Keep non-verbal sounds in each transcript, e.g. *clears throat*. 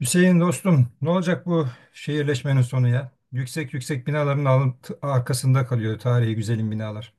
Hüseyin dostum, ne olacak bu şehirleşmenin sonu ya? Yüksek yüksek binaların arkasında kalıyor tarihi güzelim binalar.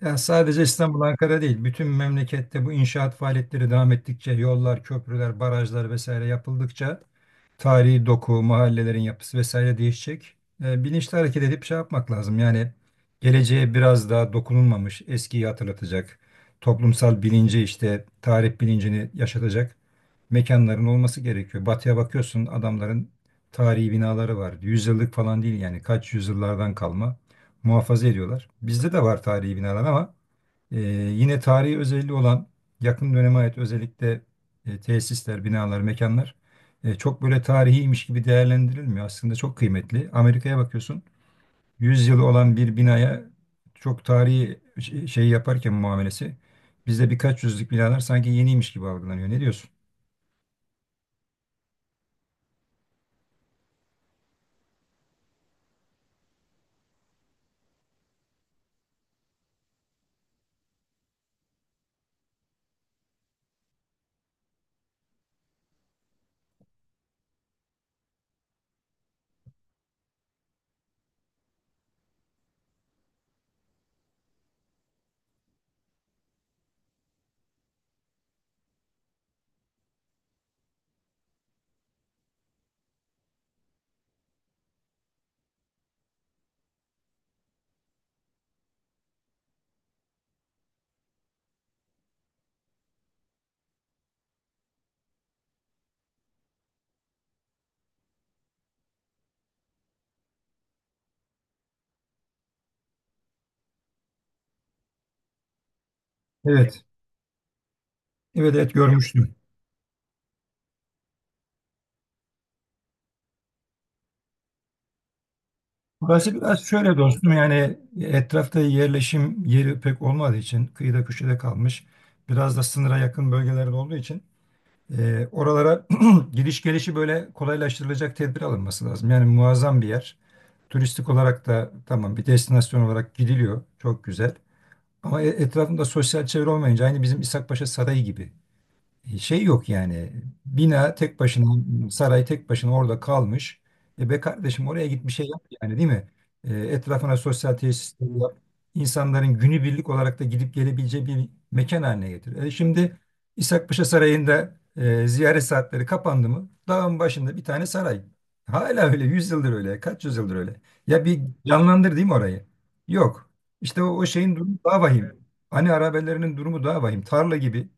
Ya sadece İstanbul, Ankara değil, bütün memlekette bu inşaat faaliyetleri devam ettikçe, yollar, köprüler, barajlar vesaire yapıldıkça tarihi doku, mahallelerin yapısı vesaire değişecek. Bilinçli hareket edip şey yapmak lazım. Yani geleceğe biraz daha dokunulmamış, eskiyi hatırlatacak, toplumsal bilinci işte tarih bilincini yaşatacak mekanların olması gerekiyor. Batıya bakıyorsun adamların tarihi binaları var. Yüzyıllık falan değil yani kaç yüzyıllardan kalma muhafaza ediyorlar. Bizde de var tarihi binalar ama e, yine tarihi özelliği olan yakın döneme ait özellikle tesisler, binalar, mekanlar çok böyle tarihiymiş gibi değerlendirilmiyor. Aslında çok kıymetli. Amerika'ya bakıyorsun 100 yılı olan bir binaya çok tarihi şey yaparken muamelesi bizde birkaç yüzlük binalar sanki yeniymiş gibi algılanıyor. Ne diyorsun? Evet. Evet, evet, görmüştüm. Burası biraz şöyle dostum yani etrafta yerleşim yeri pek olmadığı için kıyıda köşede kalmış. Biraz da sınıra yakın bölgelerde olduğu için oralara *clears throat* giriş gelişi böyle kolaylaştırılacak tedbir alınması lazım. Yani muazzam bir yer. Turistik olarak da tamam bir destinasyon olarak gidiliyor. Çok güzel. Ama etrafında sosyal çevre olmayınca aynı bizim İshakpaşa Sarayı gibi şey yok yani. Bina tek başına, saray tek başına orada kalmış. E be kardeşim oraya git bir şey yap yani değil mi? Etrafına sosyal tesisler yap. İnsanların günübirlik olarak da gidip gelebileceği bir mekan haline getir. Şimdi İshakpaşa Sarayı'nda ziyaret saatleri kapandı mı? Dağın başında bir tane saray. Hala öyle, yüz yıldır öyle, kaç yüzyıldır öyle. Ya bir canlandır değil mi orayı? Yok. İşte o şeyin durumu daha vahim. Hani arabelerinin durumu daha vahim. Tarla gibi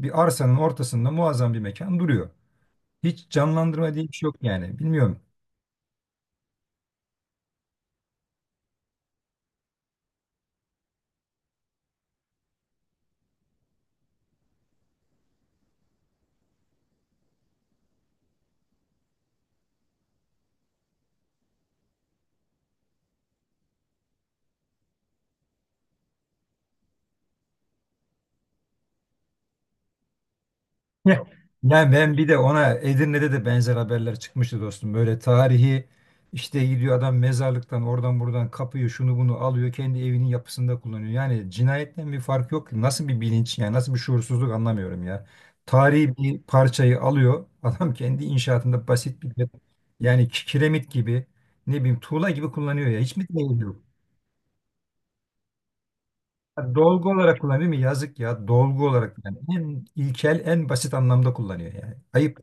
bir arsanın ortasında muazzam bir mekan duruyor. Hiç canlandırma diye bir şey yok yani. Bilmiyorum. *laughs* Yani ben bir de ona Edirne'de de benzer haberler çıkmıştı dostum. Böyle tarihi işte gidiyor adam mezarlıktan oradan buradan kapıyı şunu bunu alıyor kendi evinin yapısında kullanıyor. Yani cinayetten bir fark yok. Nasıl bir bilinç yani nasıl bir şuursuzluk anlamıyorum ya. Tarihi bir parçayı alıyor *laughs* adam kendi inşaatında basit bir yani kiremit gibi ne bileyim tuğla gibi kullanıyor ya. Hiç mi değil. Ha, dolgu olarak kullanıyor mu? Yazık ya. Dolgu olarak yani en ilkel, en basit anlamda kullanıyor yani. Ayıp.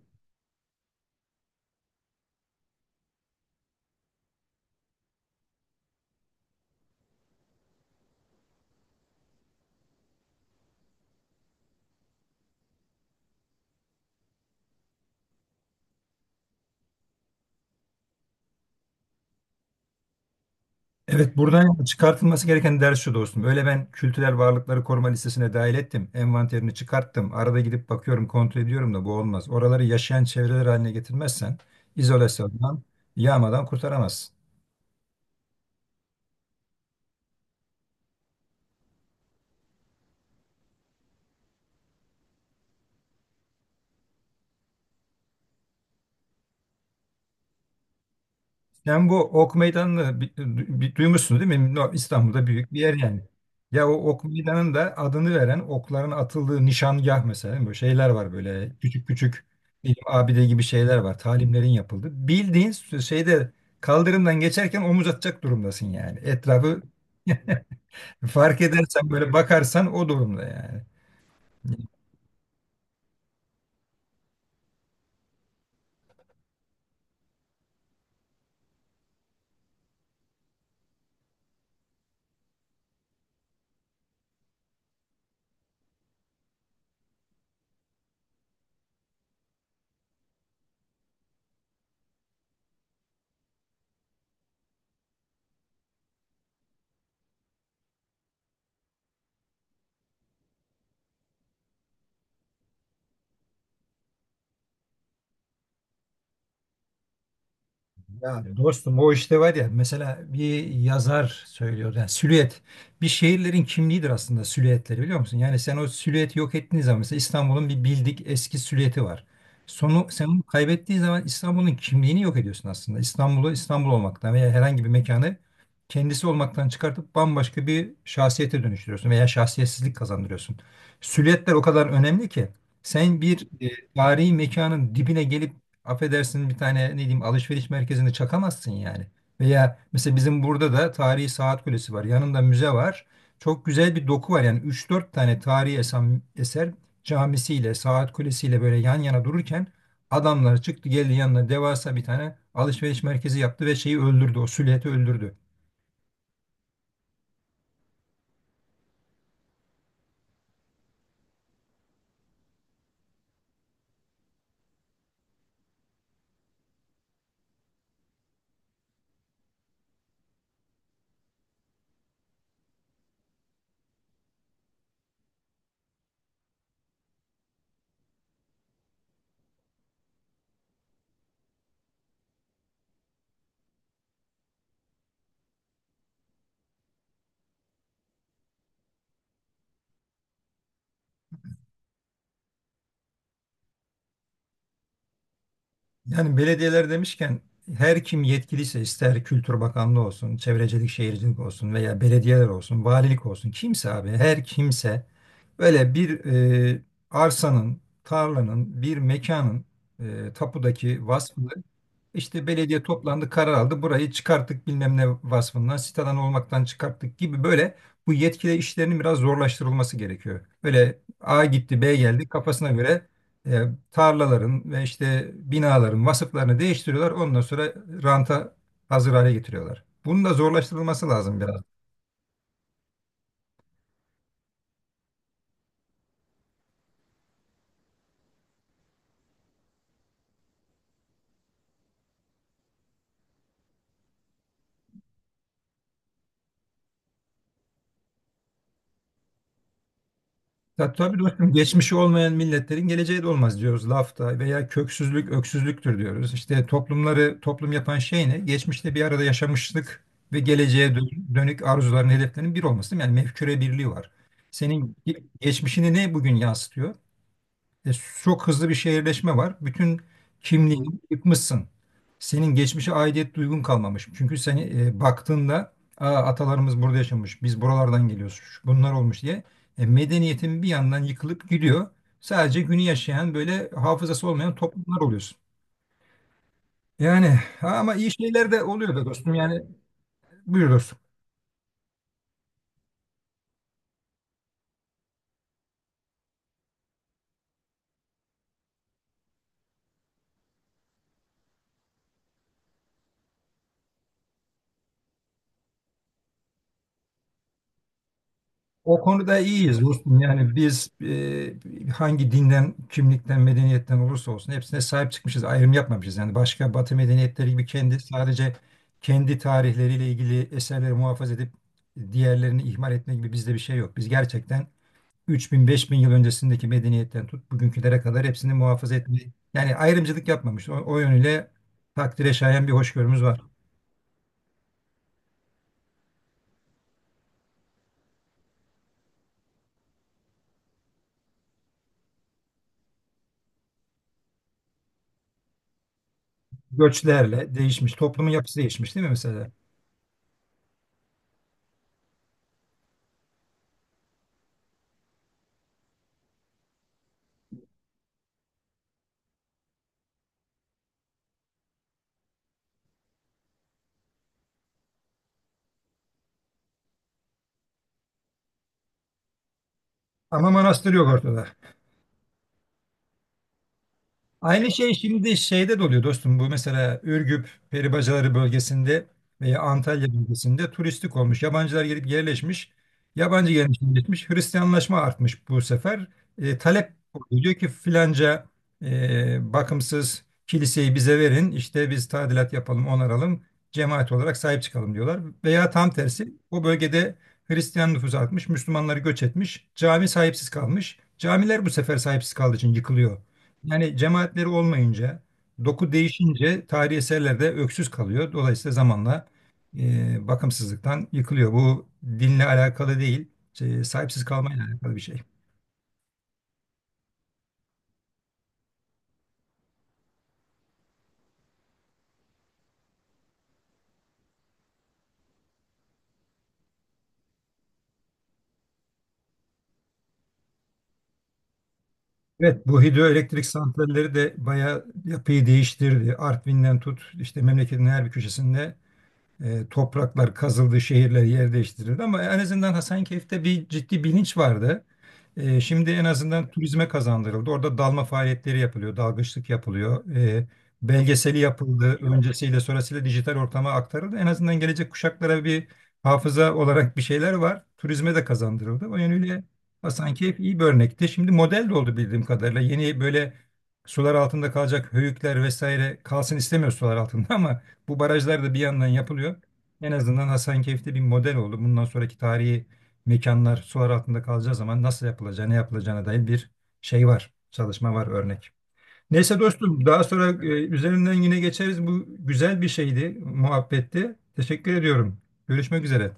Evet, buradan çıkartılması gereken ders şu dostum. Öyle ben kültürel varlıkları koruma listesine dahil ettim. Envanterini çıkarttım. Arada gidip bakıyorum, kontrol ediyorum da bu olmaz. Oraları yaşayan çevreler haline getirmezsen izolasyondan, yağmadan kurtaramazsın. Sen bu Ok Meydanı'nı duymuşsun değil mi? No, İstanbul'da büyük bir yer yani. Ya o Ok Meydanı'nın da adını veren okların atıldığı nişangah mesela değil mi? Böyle şeyler var böyle küçük küçük diyelim abide gibi şeyler var. Talimlerin yapıldı. Bildiğin şeyde kaldırımdan geçerken omuz atacak durumdasın yani. Etrafı *laughs* fark edersen böyle bakarsan o durumda yani. Ya dostum o işte var ya mesela bir yazar söylüyor yani silüet bir şehirlerin kimliğidir aslında silüetleri biliyor musun? Yani sen o silüeti yok ettiğin zaman mesela İstanbul'un bir bildik eski silüeti var. Sonu sen onu kaybettiğin zaman İstanbul'un kimliğini yok ediyorsun aslında. İstanbul'u İstanbul olmaktan veya herhangi bir mekanı kendisi olmaktan çıkartıp bambaşka bir şahsiyete dönüştürüyorsun veya şahsiyetsizlik kazandırıyorsun. Silüetler o kadar önemli ki sen bir tarihi mekanın dibine gelip affedersin bir tane ne diyeyim alışveriş merkezinde çakamazsın yani. Veya mesela bizim burada da tarihi saat kulesi var. Yanında müze var. Çok güzel bir doku var. Yani üç dört tane tarihi eser camisiyle, saat kulesiyle böyle yan yana dururken adamlar çıktı geldi yanına devasa bir tane alışveriş merkezi yaptı ve şeyi öldürdü. O silüeti öldürdü. Yani belediyeler demişken her kim yetkiliyse ister Kültür Bakanlığı olsun, Çevrecilik Şehircilik olsun veya belediyeler olsun, valilik olsun kimse abi her kimse böyle bir arsanın, tarlanın, bir mekanın tapudaki vasfını işte belediye toplandı, karar aldı. Burayı çıkarttık bilmem ne vasfından, sitadan olmaktan çıkarttık gibi böyle bu yetkili işlerinin biraz zorlaştırılması gerekiyor. Böyle A gitti, B geldi kafasına göre e, tarlaların ve işte binaların vasıflarını değiştiriyorlar. Ondan sonra ranta hazır hale getiriyorlar. Bunun da zorlaştırılması lazım biraz. Ya tabii dostum geçmişi olmayan milletlerin geleceği de olmaz diyoruz lafta veya köksüzlük öksüzlüktür diyoruz. İşte toplumları toplum yapan şey ne? Geçmişte bir arada yaşamışlık ve geleceğe dönük arzuların hedeflerinin bir olması değil mi? Yani mefküre birliği var. Senin geçmişini ne bugün yansıtıyor? E, Çok hızlı bir şehirleşme var. Bütün kimliğini yıkmışsın. Senin geçmişe aidiyet duygun kalmamış. Çünkü seni baktığında Aa, atalarımız burada yaşamış, biz buralardan geliyoruz, şu- bunlar olmuş diye medeniyetin bir yandan yıkılıp gidiyor. Sadece günü yaşayan böyle hafızası olmayan toplumlar oluyorsun. Yani ama iyi şeyler de oluyor da dostum. Yani buyur dostum. O konuda iyiyiz dostum. Yani biz hangi dinden, kimlikten, medeniyetten olursa olsun hepsine sahip çıkmışız. Ayrım yapmamışız. Yani başka Batı medeniyetleri gibi kendi sadece kendi tarihleriyle ilgili eserleri muhafaza edip diğerlerini ihmal etme gibi bizde bir şey yok. Biz gerçekten 3000-5000 yıl öncesindeki medeniyetten tut bugünkülere kadar hepsini muhafaza etmeyi yani ayrımcılık yapmamış. O yönüyle takdire şayan bir hoşgörümüz var. Göçlerle değişmiş. Toplumun yapısı değişmiş değil mi mesela? Ama manastır yok ortada. Aynı şey şimdi şeyde de oluyor dostum. Bu mesela Ürgüp, Peribacaları bölgesinde veya Antalya bölgesinde turistik olmuş. Yabancılar gelip yerleşmiş. Yabancı gelmiş yerleşmiş. Hristiyanlaşma artmış bu sefer. Talep oluyor. Diyor ki filanca bakımsız kiliseyi bize verin. İşte biz tadilat yapalım, onaralım. Cemaat olarak sahip çıkalım diyorlar. Veya tam tersi o bölgede Hristiyan nüfusu artmış. Müslümanları göç etmiş. Cami sahipsiz kalmış. Camiler bu sefer sahipsiz kaldığı için yıkılıyor. Yani cemaatleri olmayınca, doku değişince tarihi eserler de öksüz kalıyor. Dolayısıyla zamanla bakımsızlıktan yıkılıyor. Bu dinle alakalı değil, şey, sahipsiz kalmayla alakalı bir şey. Evet, bu hidroelektrik santralleri de bayağı yapıyı değiştirdi. Artvin'den tut, işte memleketin her bir köşesinde topraklar kazıldı, şehirler yer değiştirildi ama en azından Hasankeyf'te bir ciddi bilinç vardı. Şimdi en azından turizme kazandırıldı. Orada dalma faaliyetleri yapılıyor, dalgıçlık yapılıyor. Belgeseli yapıldı, öncesiyle sonrasıyla dijital ortama aktarıldı. En azından gelecek kuşaklara bir hafıza olarak bir şeyler var. Turizme de kazandırıldı. O yönüyle Hasankeyf iyi bir örnekti. Şimdi model de oldu bildiğim kadarıyla. Yeni böyle sular altında kalacak höyükler vesaire kalsın istemiyor sular altında *laughs* ama bu barajlar da bir yandan yapılıyor. En azından Hasankeyf'te bir model oldu. Bundan sonraki tarihi mekanlar sular altında kalacağı zaman nasıl yapılacağı, ne yapılacağına dair bir şey var. Çalışma var, örnek. Neyse dostum, daha sonra üzerinden yine geçeriz. Bu güzel bir şeydi, muhabbetti. Teşekkür ediyorum. Görüşmek üzere.